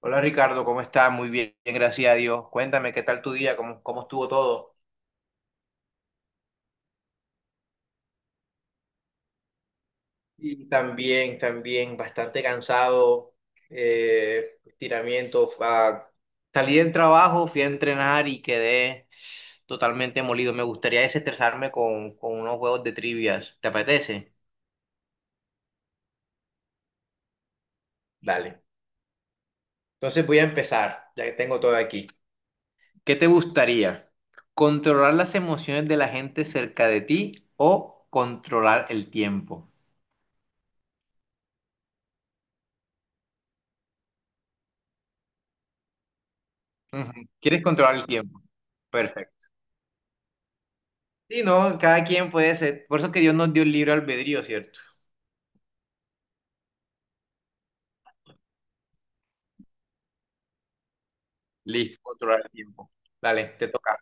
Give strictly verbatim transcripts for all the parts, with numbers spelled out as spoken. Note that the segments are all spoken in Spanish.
Hola Ricardo, ¿cómo estás? Muy bien, gracias a Dios. Cuéntame, ¿qué tal tu día? ¿Cómo, cómo estuvo todo? Y también, también, bastante cansado, eh, estiramiento. Ah, salí del trabajo, fui a entrenar y quedé totalmente molido. Me gustaría desestresarme con, con unos juegos de trivias. ¿Te apetece? Dale. Entonces voy a empezar, ya que tengo todo aquí. ¿Qué te gustaría? ¿Controlar las emociones de la gente cerca de ti o controlar el tiempo? Ujú. Quieres controlar el tiempo. Perfecto. Sí, no, cada quien puede ser. Por eso que Dios nos dio el libre albedrío, ¿cierto? Listo, controlar el tiempo. Dale, te toca.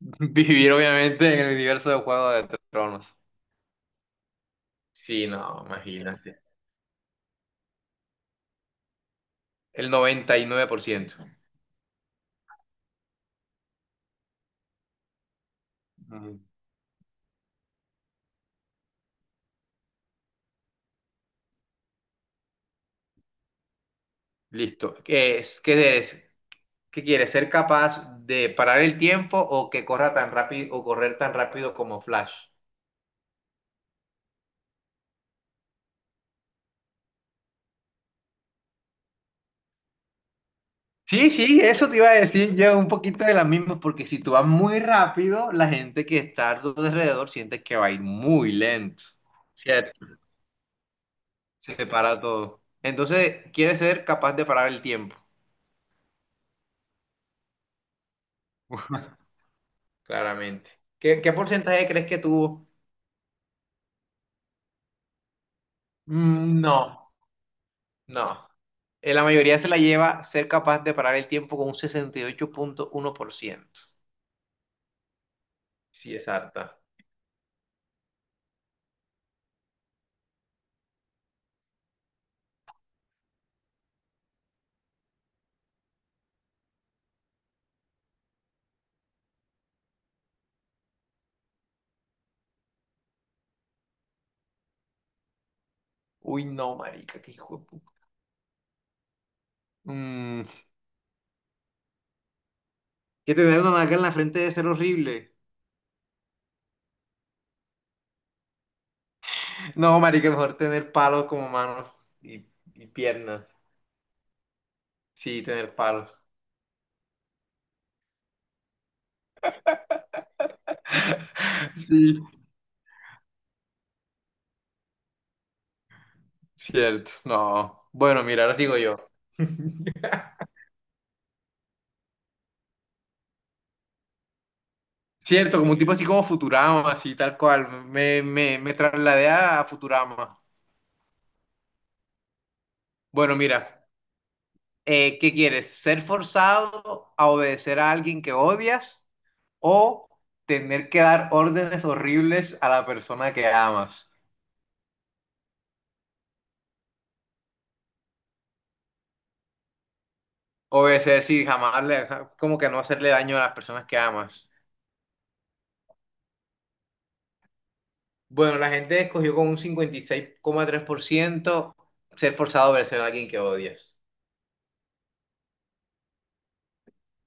Vivir, obviamente, en el universo de Juego de Tronos. Sí, no, imagínate. El noventa y nueve por ciento. Ujú. Listo. ¿Qué es? ¿Qué eres? ¿Qué quieres? ¿Ser capaz de parar el tiempo o que corra tan rápido o correr tan rápido como Flash? Sí, sí, eso te iba a decir yo un poquito de la misma, porque si tú vas muy rápido, la gente que está a tu alrededor siente que va a ir muy lento, ¿cierto? Se te para todo. Entonces, quieres ser capaz de parar el tiempo, claramente. ¿Qué, qué porcentaje crees que tuvo? Mm. No, no. Eh, La mayoría se la lleva ser capaz de parar el tiempo con un sesenta y ocho punto uno por ciento. Sí, es harta. Uy, no, marica, qué hijo de puta. Mm, que tener una marca en la frente debe ser horrible. No, marica, mejor tener palos como manos y, y piernas. Sí, tener palos. Sí, cierto. No. Bueno, mira, ahora sigo yo. Cierto, como un tipo así como Futurama, así tal cual. Me, me, me trasladé a Futurama. Bueno, mira, eh, ¿qué quieres? ¿Ser forzado a obedecer a alguien que odias o tener que dar órdenes horribles a la persona que amas? Obedecer, sí, jamás le, ja- como que no hacerle daño a las personas que amas. Bueno, la gente escogió con un cincuenta y seis coma tres por ciento ser forzado a obedecer a alguien que odias.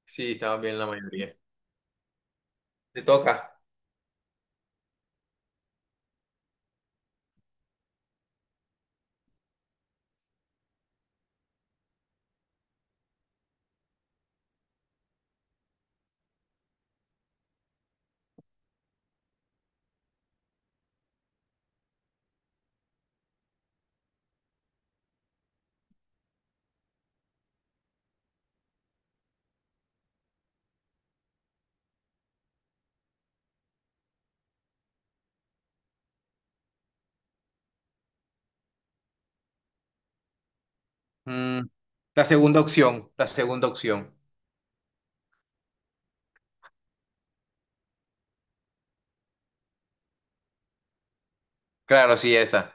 Sí, estaba bien la mayoría. Te toca. Mm, la segunda opción, la segunda opción. Claro, sí, esa.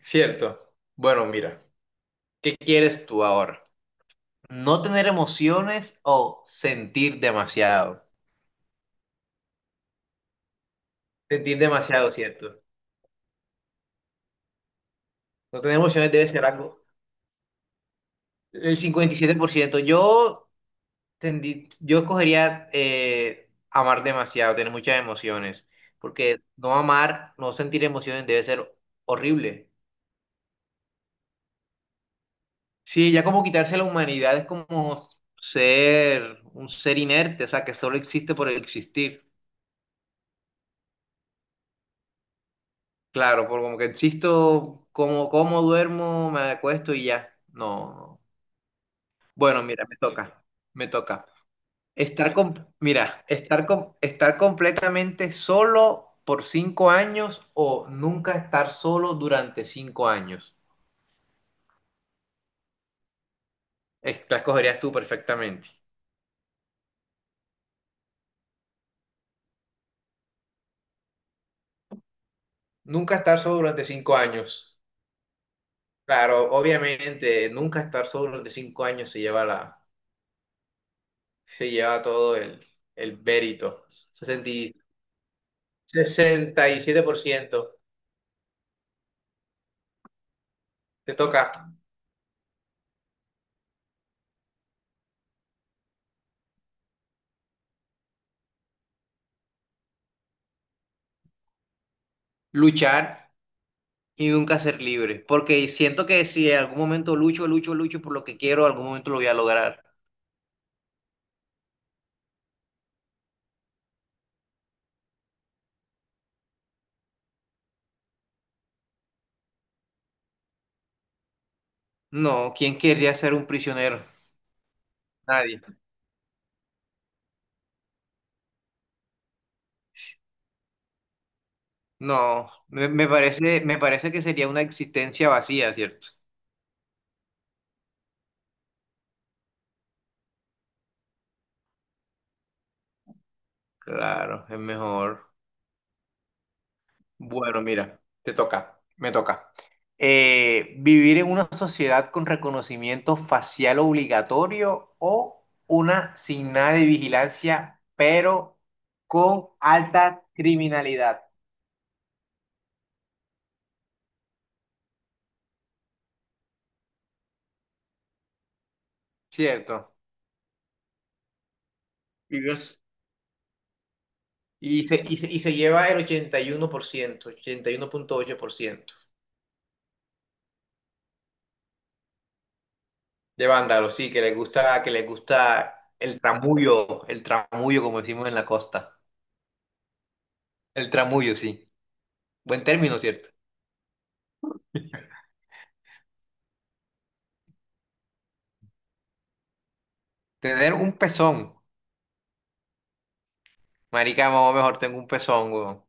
Cierto. Bueno, mira, ¿qué quieres tú ahora? ¿No tener emociones o sentir demasiado? Sentir demasiado, cierto. No tener emociones debe ser algo. El cincuenta y siete por ciento. Yo Tendí- Yo escogería eh, amar demasiado, tener muchas emociones, porque no amar, no sentir emociones debe ser horrible. Sí, ya como quitarse la humanidad es como ser un ser inerte, o sea, que solo existe por existir. Claro, por como que existo, como, como duermo, me acuesto y ya. No, no, no. Bueno, mira, me toca, me toca. Estar com- mira, estar com- estar completamente solo por cinco años o nunca estar solo durante cinco años. Es- La escogerías tú perfectamente. Nunca estar solo durante cinco años. Claro, obviamente, nunca estar solo durante cinco años se lleva la, se lleva todo el, el mérito. sesenta y- Sesenta y siete por ciento. Te toca. Luchar y nunca ser libre, porque siento que si en algún momento lucho, lucho, lucho por lo que quiero, algún momento lo voy a lograr. No, ¿quién querría ser un prisionero? Nadie. No, me, me parece, me parece que sería una existencia vacía, ¿cierto? Claro, es mejor. Bueno, mira, te toca, me toca. Eh, ¿vivir en una sociedad con reconocimiento facial obligatorio o una sin nada de vigilancia, pero con alta criminalidad? Cierto. Y Dios. Y se, y se, y se lleva el ochenta y uno por ciento ochenta y uno punto ocho por ciento de vándalos, sí, que les gusta, que les gusta el tramullo, el tramullo, como decimos en la costa. El tramullo, sí. Buen término, ¿cierto? Tener un pezón. Marica, mamá, mejor tengo un pezón, weón.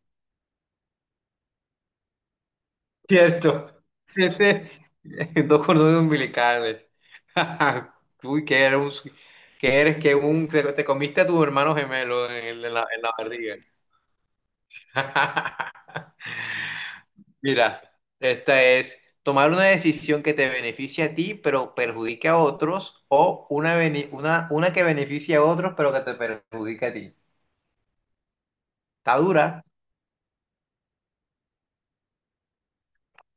¿Cierto? Siete- Dos cordones umbilicales. Uy, que eres, que eres que un, te, te comiste a tu hermano gemelo en, el- en la, en la barriga. Mira, esta es tomar una decisión que te beneficie a ti, pero perjudique a otros, o una, bene- una, una que beneficie a otros, pero que te perjudique a ti. Está dura.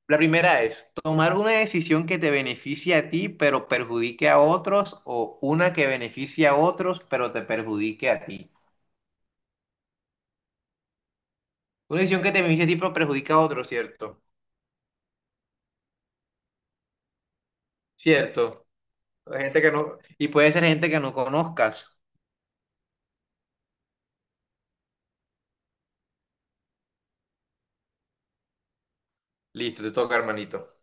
La primera es tomar una decisión que te beneficie a ti, pero perjudique a otros, o una que beneficie a otros, pero te perjudique a ti. Una decisión que te beneficie a ti, pero perjudica a otros, ¿cierto? Cierto. Hay gente que no, y puede ser gente que no conozcas. Listo, te toca, hermanito.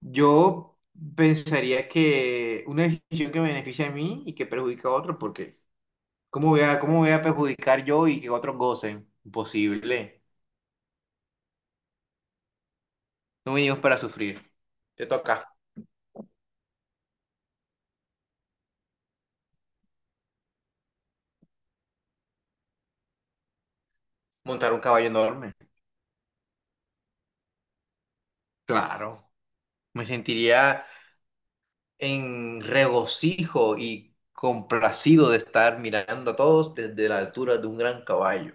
Yo pensaría que una decisión que me beneficia a mí y que perjudica a otro, porque ¿cómo voy a, cómo voy a perjudicar yo y que otros gocen? Imposible. No venimos para sufrir. Te toca. Montar un caballo enorme. Claro. Me sentiría en regocijo y complacido de estar mirando a todos desde la altura de un gran caballo.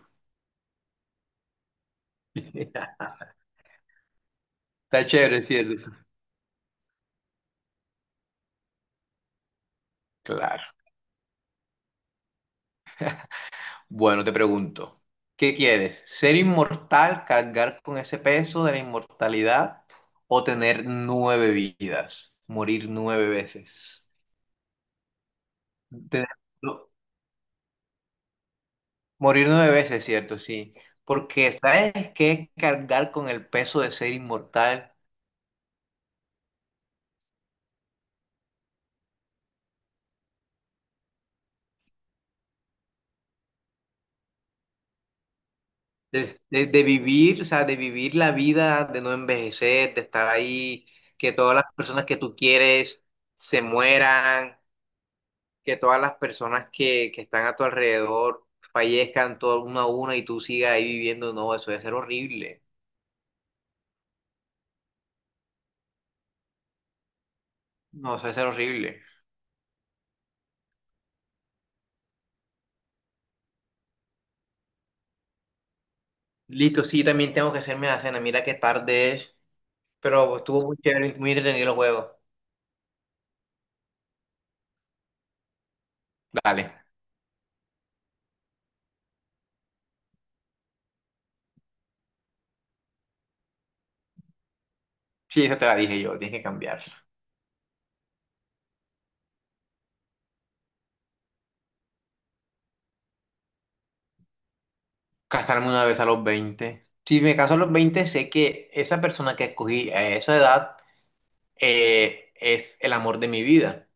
Está chévere, ¿cierto? Claro. Bueno, te pregunto, ¿qué quieres? ¿Ser inmortal, cargar con ese peso de la inmortalidad o tener nueve vidas? Morir nueve veces. Tener- no, morir nueve veces, ¿cierto? Sí. Porque ¿sabes qué? Cargar con el peso de ser inmortal, de, de- de vivir, o sea, de vivir la vida, de no envejecer, de estar ahí, que todas las personas que tú quieres se mueran, que todas las personas que, que están a tu alrededor fallezcan todas una a una y tú sigas ahí viviendo, no, eso debe ser horrible. No, eso debe ser horrible. Listo, sí, también tengo que hacerme la cena. Mira qué tarde es, pero estuvo muy chévere, muy entretenido el juego. Dale. Sí, esa te la dije yo, tienes que cambiar. Casarme una vez a los veinte. Si me caso a los veinte sé que esa persona que escogí a esa edad eh, es el amor de mi vida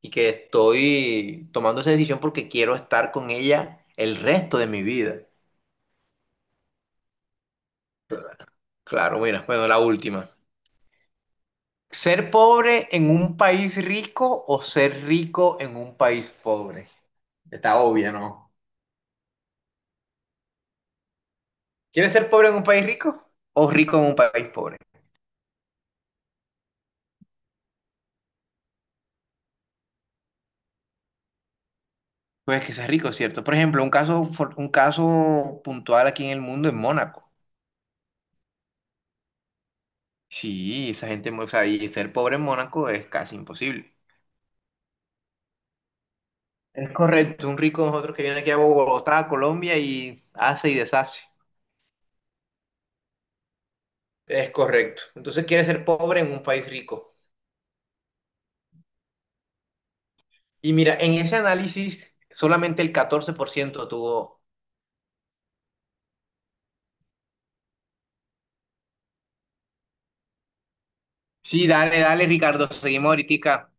y que estoy tomando esa decisión porque quiero estar con ella el resto de mi vida. Claro, mira, bueno, la última. ¿Ser pobre en un país rico o ser rico en un país pobre? Está obvia, ¿no? ¿Quieres ser pobre en un país rico o rico en un país pobre? Pues que seas rico, ¿cierto? Por ejemplo, un caso, for- un caso puntual aquí en el mundo es Mónaco. Sí, esa gente, o sea, y ser pobre en Mónaco es casi imposible. Es correcto, un rico nosotros que viene aquí a Bogotá, Colombia y hace y deshace. Es correcto. Entonces quiere ser pobre en un país rico. Y mira, en ese análisis solamente el catorce por ciento tuvo. Sí, dale, dale, Ricardo, seguimos ahorita.